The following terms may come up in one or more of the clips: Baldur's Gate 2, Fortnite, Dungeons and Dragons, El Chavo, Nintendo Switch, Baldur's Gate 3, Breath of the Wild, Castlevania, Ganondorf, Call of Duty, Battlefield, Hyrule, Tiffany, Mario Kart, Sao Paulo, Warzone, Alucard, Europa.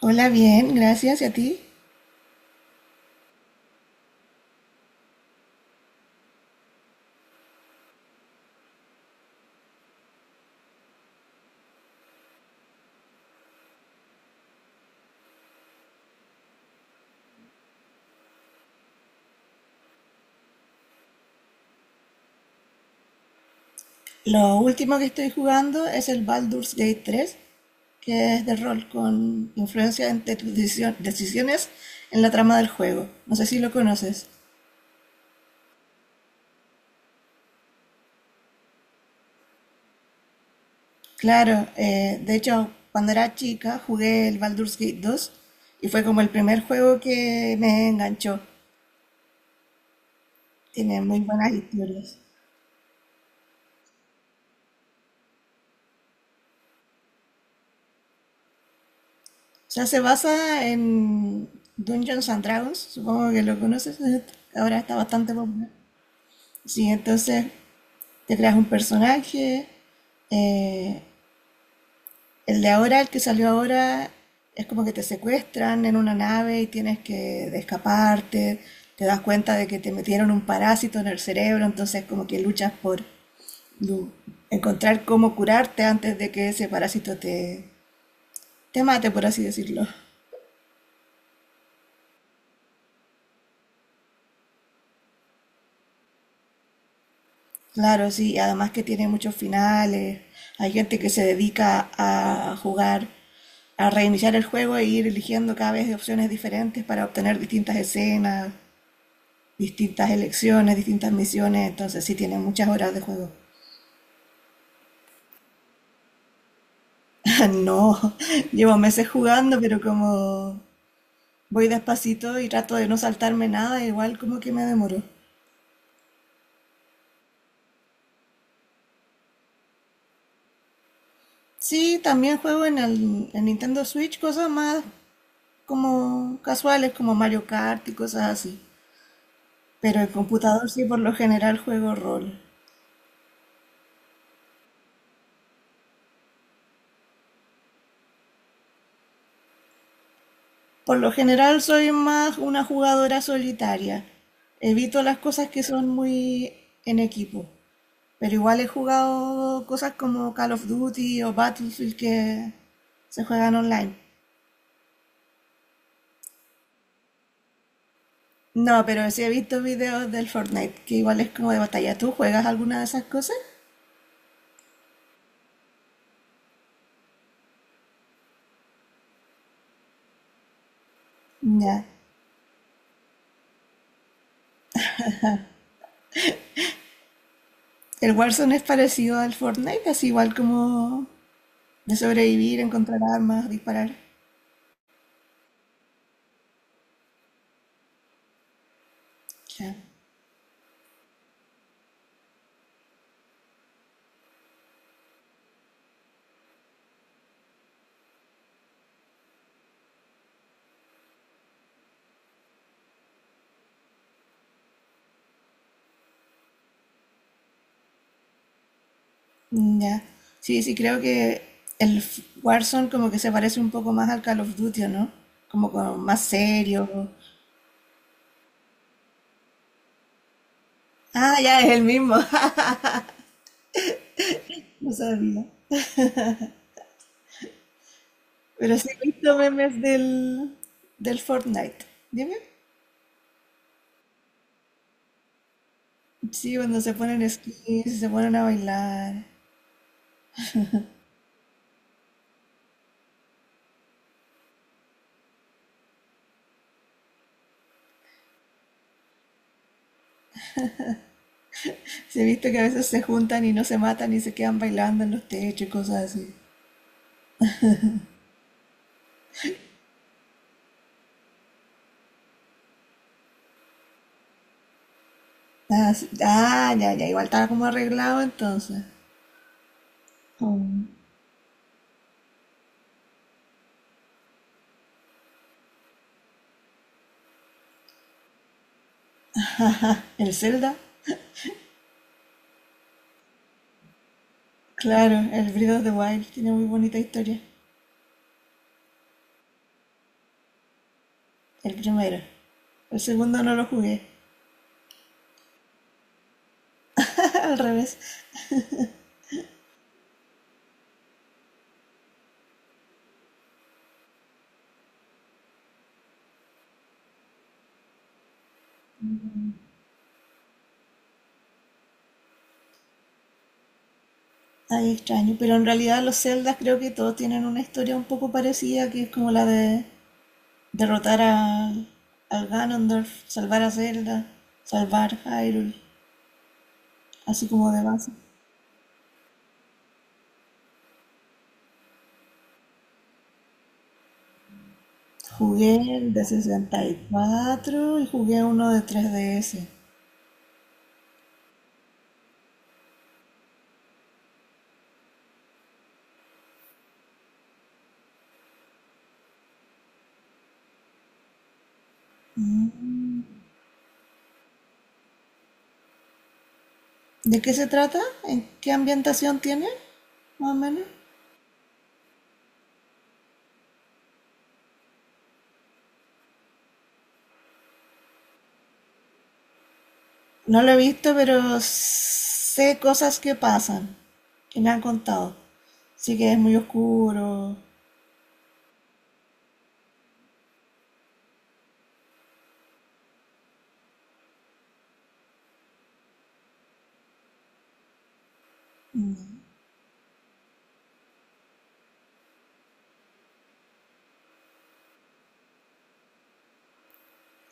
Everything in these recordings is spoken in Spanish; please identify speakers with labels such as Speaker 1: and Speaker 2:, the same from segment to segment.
Speaker 1: Hola, bien, gracias. ¿Y a ti? Lo último que estoy jugando es el Baldur's Gate 3, que es de rol con influencia de tus decisiones en la trama del juego. No sé si lo conoces. Claro, de hecho, cuando era chica jugué el Baldur's Gate 2 y fue como el primer juego que me enganchó. Tiene muy buenas historias. O sea, se basa en Dungeons and Dragons, supongo que lo conoces, ahora está bastante popular. Sí, entonces te creas un personaje. eh, el de ahora, el que salió ahora, es como que te secuestran en una nave y tienes que de escaparte. Te das cuenta de que te metieron un parásito en el cerebro, entonces como que luchas por du- encontrar cómo curarte antes de que ese parásito te mate, por así decirlo. Claro, sí, y además que tiene muchos finales. Hay gente que se dedica a jugar a reiniciar el juego e ir eligiendo cada vez opciones diferentes para obtener distintas escenas, distintas elecciones, distintas misiones. Entonces sí tiene muchas horas de juego. No, llevo meses jugando, pero como voy despacito y trato de no saltarme nada, igual como que me demoro. Sí, también juego en Nintendo Switch cosas más como casuales, como Mario Kart y cosas así. Pero el computador sí por lo general juego rol. Por lo general soy más una jugadora solitaria. Evito las cosas que son muy en equipo. Pero igual he jugado cosas como Call of Duty o Battlefield que se juegan online. No, pero sí he visto videos del Fortnite, que igual es como de batalla. ¿Tú juegas alguna de esas cosas? Ya. El Warzone es parecido al Fortnite, así igual como de sobrevivir, encontrar armas, disparar. Ya. Mm, ya. Sí, sí, creo que el Warzone como que se parece un poco más al Call of Duty, ¿o no? Como con más serio. Ah, ya es el mismo. No sabía. Pero sí he visto memes del Fortnite. Dime. Sí, cuando se ponen skins, se ponen a bailar. Sí, he visto que a veces se juntan y no se matan y se quedan bailando en los techos y cosas así. Ah, sí. Ah, ya, ya. Igual estaba como arreglado entonces. Mm. El Zelda. Claro, el Breath of the Wild tiene muy bonita historia. El primero. El segundo no lo jugué. Al revés. Ay, extraño. Pero en realidad los Zeldas creo que todos tienen una historia un poco parecida, que es como la de derrotar al Ganondorf, salvar a Zelda, salvar Hyrule, así como de base. Jugué el de 64 y cuatro y jugué uno de 3DS. Mm. ¿De qué se trata? ¿En qué ambientación tiene? Más o menos. No lo he visto, pero sé cosas que pasan, que me han contado. Sí que es muy oscuro.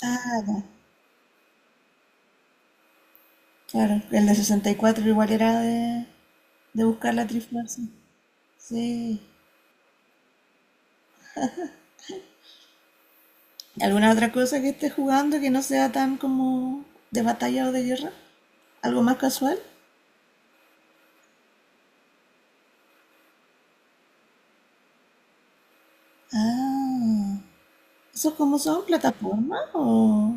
Speaker 1: Ah, ya, claro. El de 64 igual era de buscar la trifase. Sí. ¿Alguna otra cosa que esté jugando que no sea tan como de batalla o de guerra? ¿Algo más casual? Ah, ¿esos cómo son? ¿Plataforma? ¿O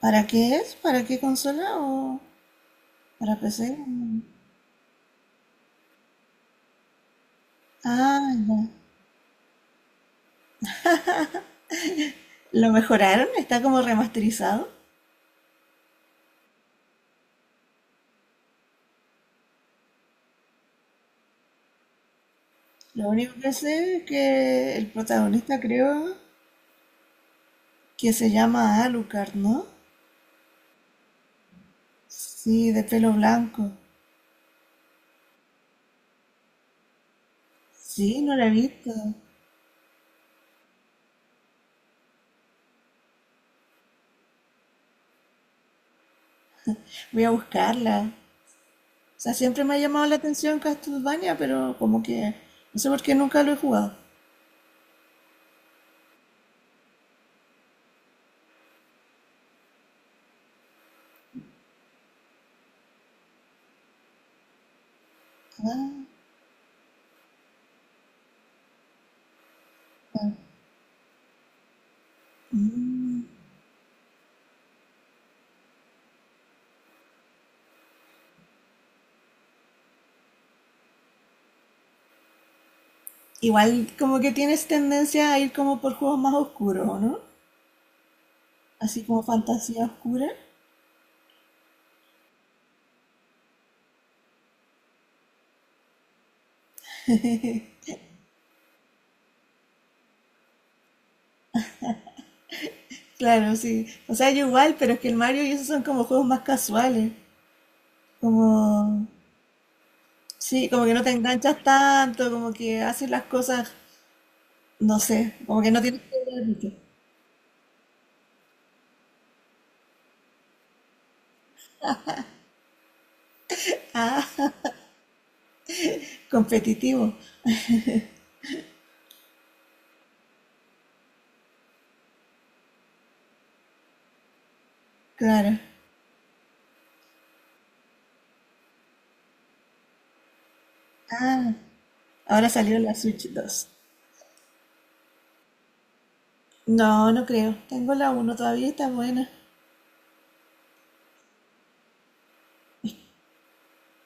Speaker 1: para qué es? ¿Para qué consola? ¿O para PC? Ah, ya. Lo mejoraron, está como remasterizado. Lo único que sé es que el protagonista creo que se llama Alucard, ¿no? Sí, de pelo blanco. Sí, no la he visto. Voy a buscarla. O sea, siempre me ha llamado la atención Castlevania, pero como que no sé por qué nunca lo he jugado. Mm. Igual como que tienes tendencia a ir como por juegos más oscuros, ¿o no? Así como fantasía oscura. Claro, sí. O sea, yo igual, pero es que el Mario y esos son como juegos más casuales. Como, sí, como que no te enganchas tanto, como que haces las cosas, no sé, como que no tienes que ser mucho competitivo. Claro. Ah, ahora salió la Switch 2. No, no creo. Tengo la uno todavía, y está buena.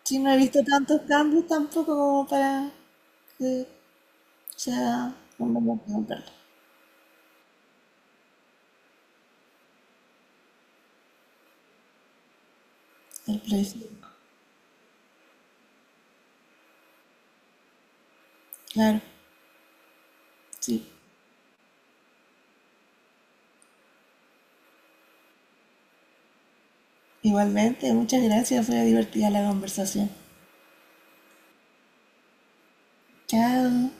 Speaker 1: Sí, no he visto tantos cambios tampoco como para que sea como para comprarla. El precio. Claro, sí. Igualmente, muchas gracias. Fue divertida la conversación. Chao.